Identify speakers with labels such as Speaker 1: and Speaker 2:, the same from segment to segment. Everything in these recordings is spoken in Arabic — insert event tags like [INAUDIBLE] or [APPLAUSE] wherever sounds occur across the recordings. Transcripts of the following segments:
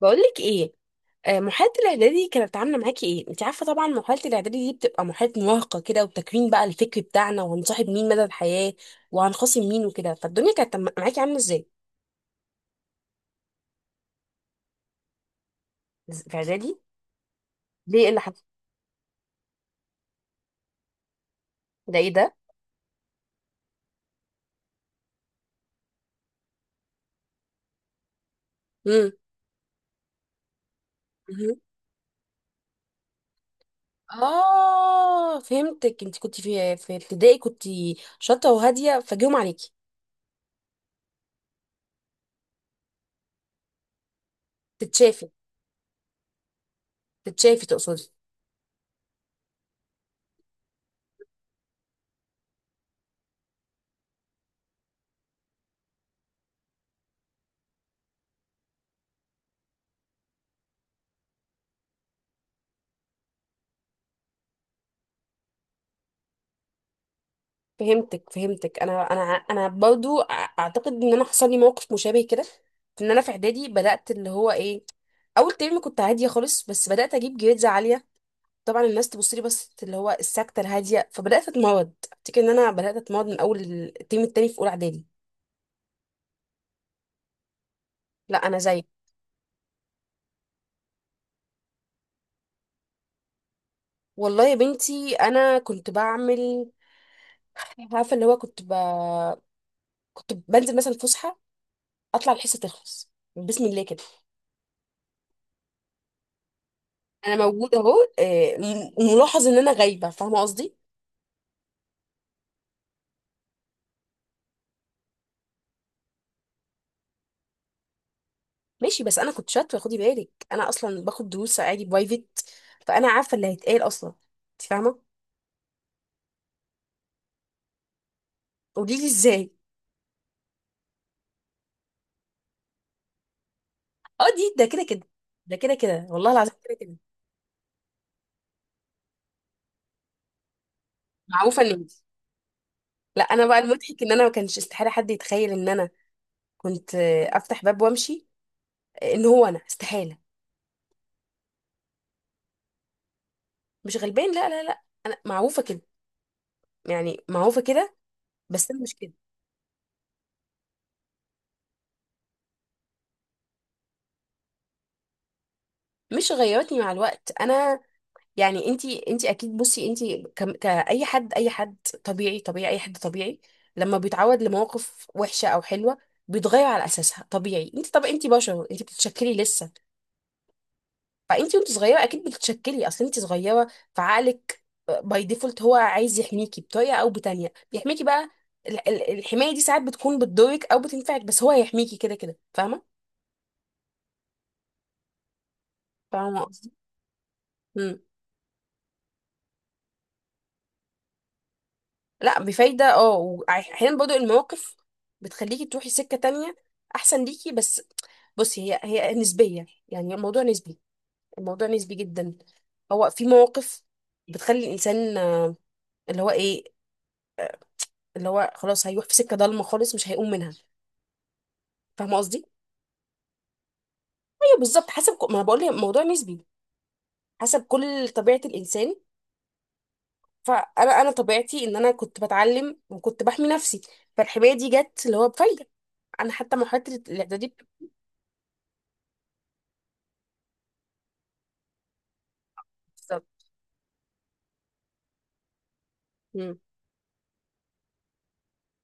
Speaker 1: بقولك ايه؟ محاولة الاعدادي دي كانت عاملة معاكي ايه؟ انت عارفة طبعا محاولة الاعدادي دي بتبقى محاولة مراهقة كده، وتكوين بقى الفكر بتاعنا، وهنصاحب مين مدى الحياة، وهنخاصم مين وكده. فالدنيا كانت معاكي عاملة ازاي؟ في اعدادي. ليه؟ ايه اللي حصل؟ ده ايه ده؟ امم مهم. اه، فهمتك. انت كنت في ابتدائي كنت شاطرة وهادية، فجيهم عليكي تتشافي. تتشافي تقصدي؟ فهمتك فهمتك. انا برضو اعتقد ان انا حصل لي موقف مشابه كده، في ان انا في اعدادي بدات اللي هو ايه، اول ترم كنت عاديه خالص، بس بدات اجيب جريدز عاليه. طبعا الناس تبص لي، بس اللي هو الساكته الهاديه، فبدات اتمرض، افتكر ان انا بدات اتمرض من اول الترم التاني في اولى اعدادي. لا انا زيك. والله يا بنتي انا كنت بعمل، عارفه اللي هو كنت ب... كنت بنزل مثلا فسحه، اطلع الحصه تخلص بسم الله كده. انا موجوده اهو. ملاحظ ان انا غايبه، فاهمه قصدي؟ ماشي، بس انا كنت شاطره، خدي بالك انا اصلا باخد دروس عادي برايفت، فانا عارفه اللي هيتقال اصلا، انت فاهمه. قولي لي ازاي. اه دي ده كده كده. ده كده كده، والله العظيم كده كده. معروفه ان... لا انا بقى المضحك ان انا ما كانش استحاله حد يتخيل ان انا كنت، افتح باب وامشي. ان هو انا استحاله. مش غلبان، لا لا لا، انا معروفه كده، يعني معروفه كده، بس انا مش كده. مش غيرتني مع الوقت انا. يعني انتي اكيد، بصي انتي كأي حد، اي حد طبيعي، طبيعي اي حد طبيعي، لما بيتعود لمواقف وحشة او حلوة بيتغير على اساسها. طبيعي، انتي طب انتي بشر، انتي بتتشكلي لسه. فانتي وانت صغيرة اكيد بتتشكلي، اصل انتي صغيرة، فعقلك باي ديفولت هو عايز يحميكي بطريقة او بتانية، بيحميكي بقى. الحماية دي ساعات بتكون بتضرك او بتنفعك، بس هو هيحميكي كده كده، فاهمة؟ فاهمة قصدي؟ لا بفايدة، اه. واحيانا برضو المواقف بتخليكي تروحي سكة تانية احسن ليكي. بس بصي، هي هي نسبية، يعني الموضوع نسبي، الموضوع نسبي جدا. هو في مواقف بتخلي الانسان اللي هو ايه، اللي هو خلاص هيروح في سكة ضلمة خالص مش هيقوم منها، فاهمة قصدي؟ ايوه بالظبط، حسب ما انا بقول لك الموضوع نسبي، حسب كل طبيعة الانسان. فانا انا طبيعتي ان انا كنت بتعلم وكنت بحمي نفسي، فالحماية دي جت اللي هو بفايدة، انا حتى مرحلة الاعدادي. بالظبط.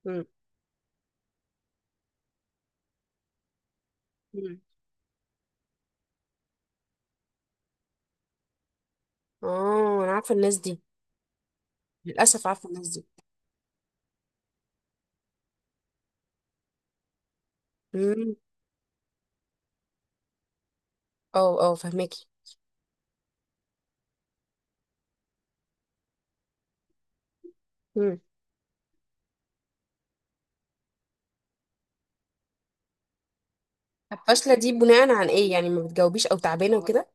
Speaker 1: مم. مم. اه انا عارفه الناس دي، للاسف عارفه الناس دي. مم. اه اه، فهماكي. مم. طب فاشله دي بناء عن ايه؟ يعني ما بتجاوبيش او تعبانه وكده؟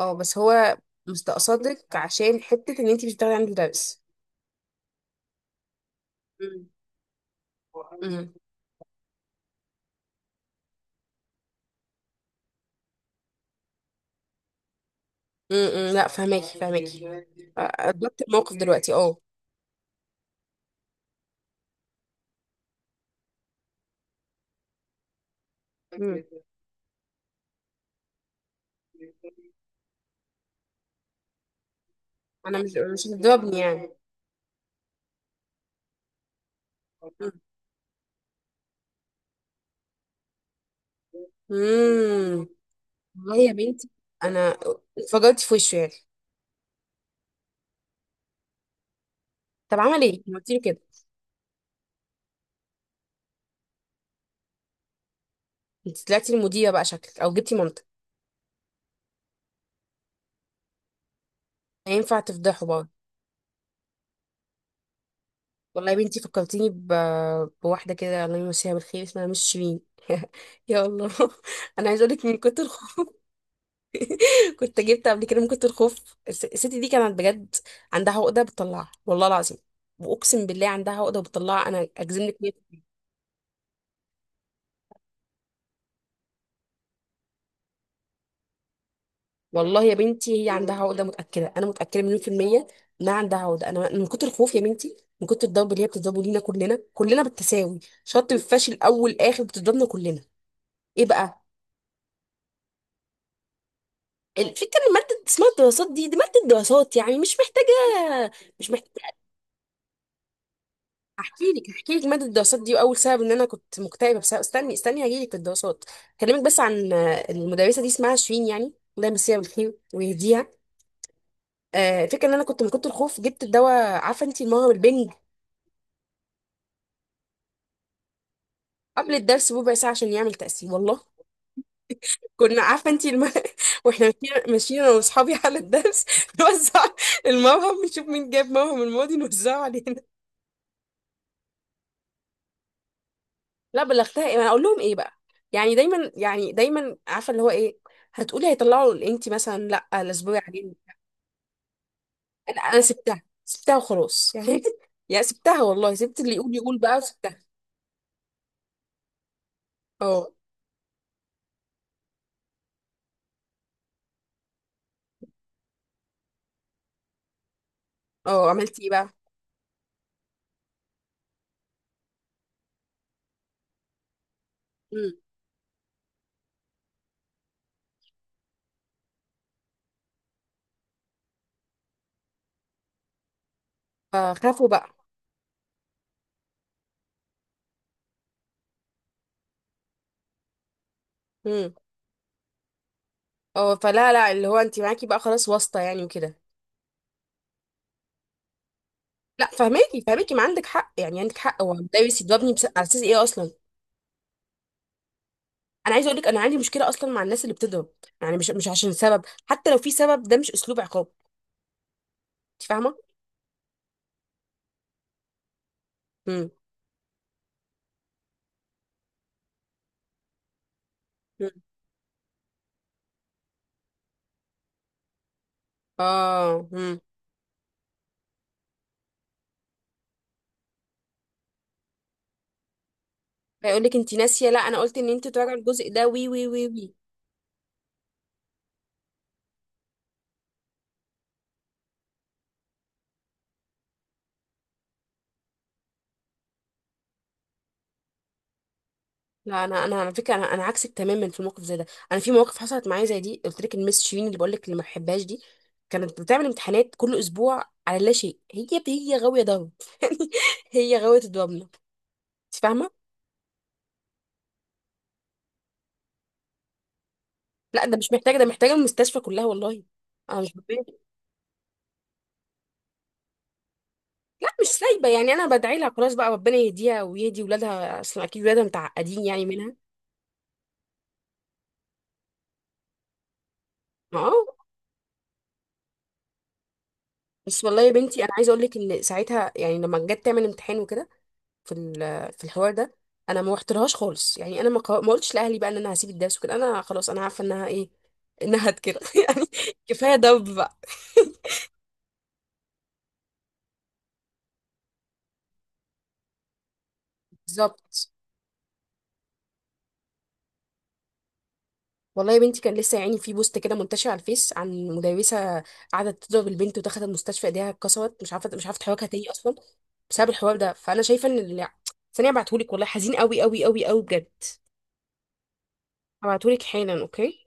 Speaker 1: اه بس هو مستقصدك عشان حته ان انت مش بتاخدي عند مدرس. مم. مم. مم. لا فهماكي فهماكي، ادركت الموقف دلوقتي، اه. مم. انا مش، مش هتضربني يعني. امم. والله يا بنتي انا... اتفجرت في وشه يعني. طب عمل ايه؟ قلت له كده؟ انت طلعتي المديره بقى شكلك، او جبتي مامتك؟ ينفع تفضحه برضه؟ والله يا بنتي فكرتيني ب... بواحدة كده الله يمسيها بالخير، اسمها مش شيرين. [LAUGHS] يا الله. [LAUGHS] انا عايزه اقول لك من كتر الخوف. [LAUGHS] كنت جبت قبل كده من كتر الخوف. الست دي كانت بجد عندها عقده بتطلعها، والله العظيم واقسم بالله عندها عقده بتطلعها، انا اجزم لك مية... والله يا بنتي هي عندها عقده، متاكده، انا متاكده مليون في الميه انها عندها عقده. انا من كتر الخوف يا بنتي، من كتر الضرب اللي هي بتضربه لينا كلنا، كلنا بالتساوي، شرط الفاشل اول اخر بتضربنا كلنا. ايه بقى؟ الفكره ان ماده اسمها الدراسات دي، دي ماده دراسات يعني، مش محتاجه، مش محتاجه. احكي لك احكي لك ماده الدراسات دي، واول سبب ان انا كنت مكتئبه بسبب، استني استني هجي لك في الدراسات. اكلمك بس عن المدرسه دي اسمها شيرين يعني، الله يمسيها بالخير ويهديها. الفكره ان انا كنت من كنت الخوف جبت الدواء، عارفه انت المهر البنج، قبل الدرس بربع ساعه عشان يعمل تاثير، والله. كنا عارفه انت الم... [LAUGHS] واحنا ماشيين ماشيين انا واصحابي على الدرس [LAUGHS] نوزع الموهم، نشوف مين جاب موهم الماضي نوزعه علينا. لا بلغتها ايه؟ ما انا اقول لهم ايه بقى؟ يعني دايما، يعني دايما، عارفه اللي هو ايه، هتقولي هيطلعوا انت مثلا لا الاسبوع عليه. انا سبتها، سبتها وخلاص يعني. [LAUGHS] يا سبتها والله، سبت اللي يقول يقول بقى، وسبتها. اه. اه عملت ايه بقى؟ امم. فخافوا بقى. امم. اه فلا لا، اللي هو انت معاكي بقى خلاص واسطه يعني وكده. لا فهماكي فهماكي، ما عندك حق يعني، عندك حق، هو ده بيسيبني بس على اساس ايه اصلا؟ انا عايزه اقول لك، انا عندي مشكله اصلا مع الناس اللي بتضرب، يعني مش، مش عشان سبب، حتى لو في سبب، ده مش اسلوب عقاب، انت فاهمه. مم. مم. اه مم. هيقول لك انت ناسيه، لا انا قلت ان انت تراجع الجزء ده وي وي وي وي. لا انا على فكره، انا عكسك تماما في الموقف زي ده. انا في مواقف حصلت معايا زي دي، قلت لك المس شيرين اللي بقول لك اللي ما بحبهاش دي، كانت بتعمل امتحانات كل اسبوع على لا شيء، هي هي غاويه ضرب. [LAUGHS] هي غاويه الضربنه، انت فاهمه. لا ده مش محتاجه، ده محتاجه المستشفى كلها والله. انا مش ببين. لا مش سايبه يعني، انا بدعي لها خلاص بقى، ربنا يهديها ويهدي ولادها، اصلا اكيد ولادها متعقدين يعني منها. اه. بس والله يا بنتي انا عايزه اقول لك ان ساعتها، يعني لما جت تعمل امتحان وكده في في الحوار ده، انا ما رحتلهاش خالص يعني، انا ما قلتش لاهلي بقى ان انا هسيب الدرس وكده، انا خلاص انا عارفه انها ايه، انها كده [LAUGHS] يعني. كفايه دب بقى. بالظبط. والله يا بنتي كان لسه يعني في بوست كده منتشر على الفيس عن مدرسه قعدت تضرب البنت ودخلت المستشفى، ايديها اتكسرت، مش عارفه، مش عارفه تحركها تاني اصلا، بسبب الحوار ده. فانا شايفه ان ثانيه ابعتهولك، والله حزين قوي قوي قوي قوي بجد. هبعتهولك حالا، اوكي.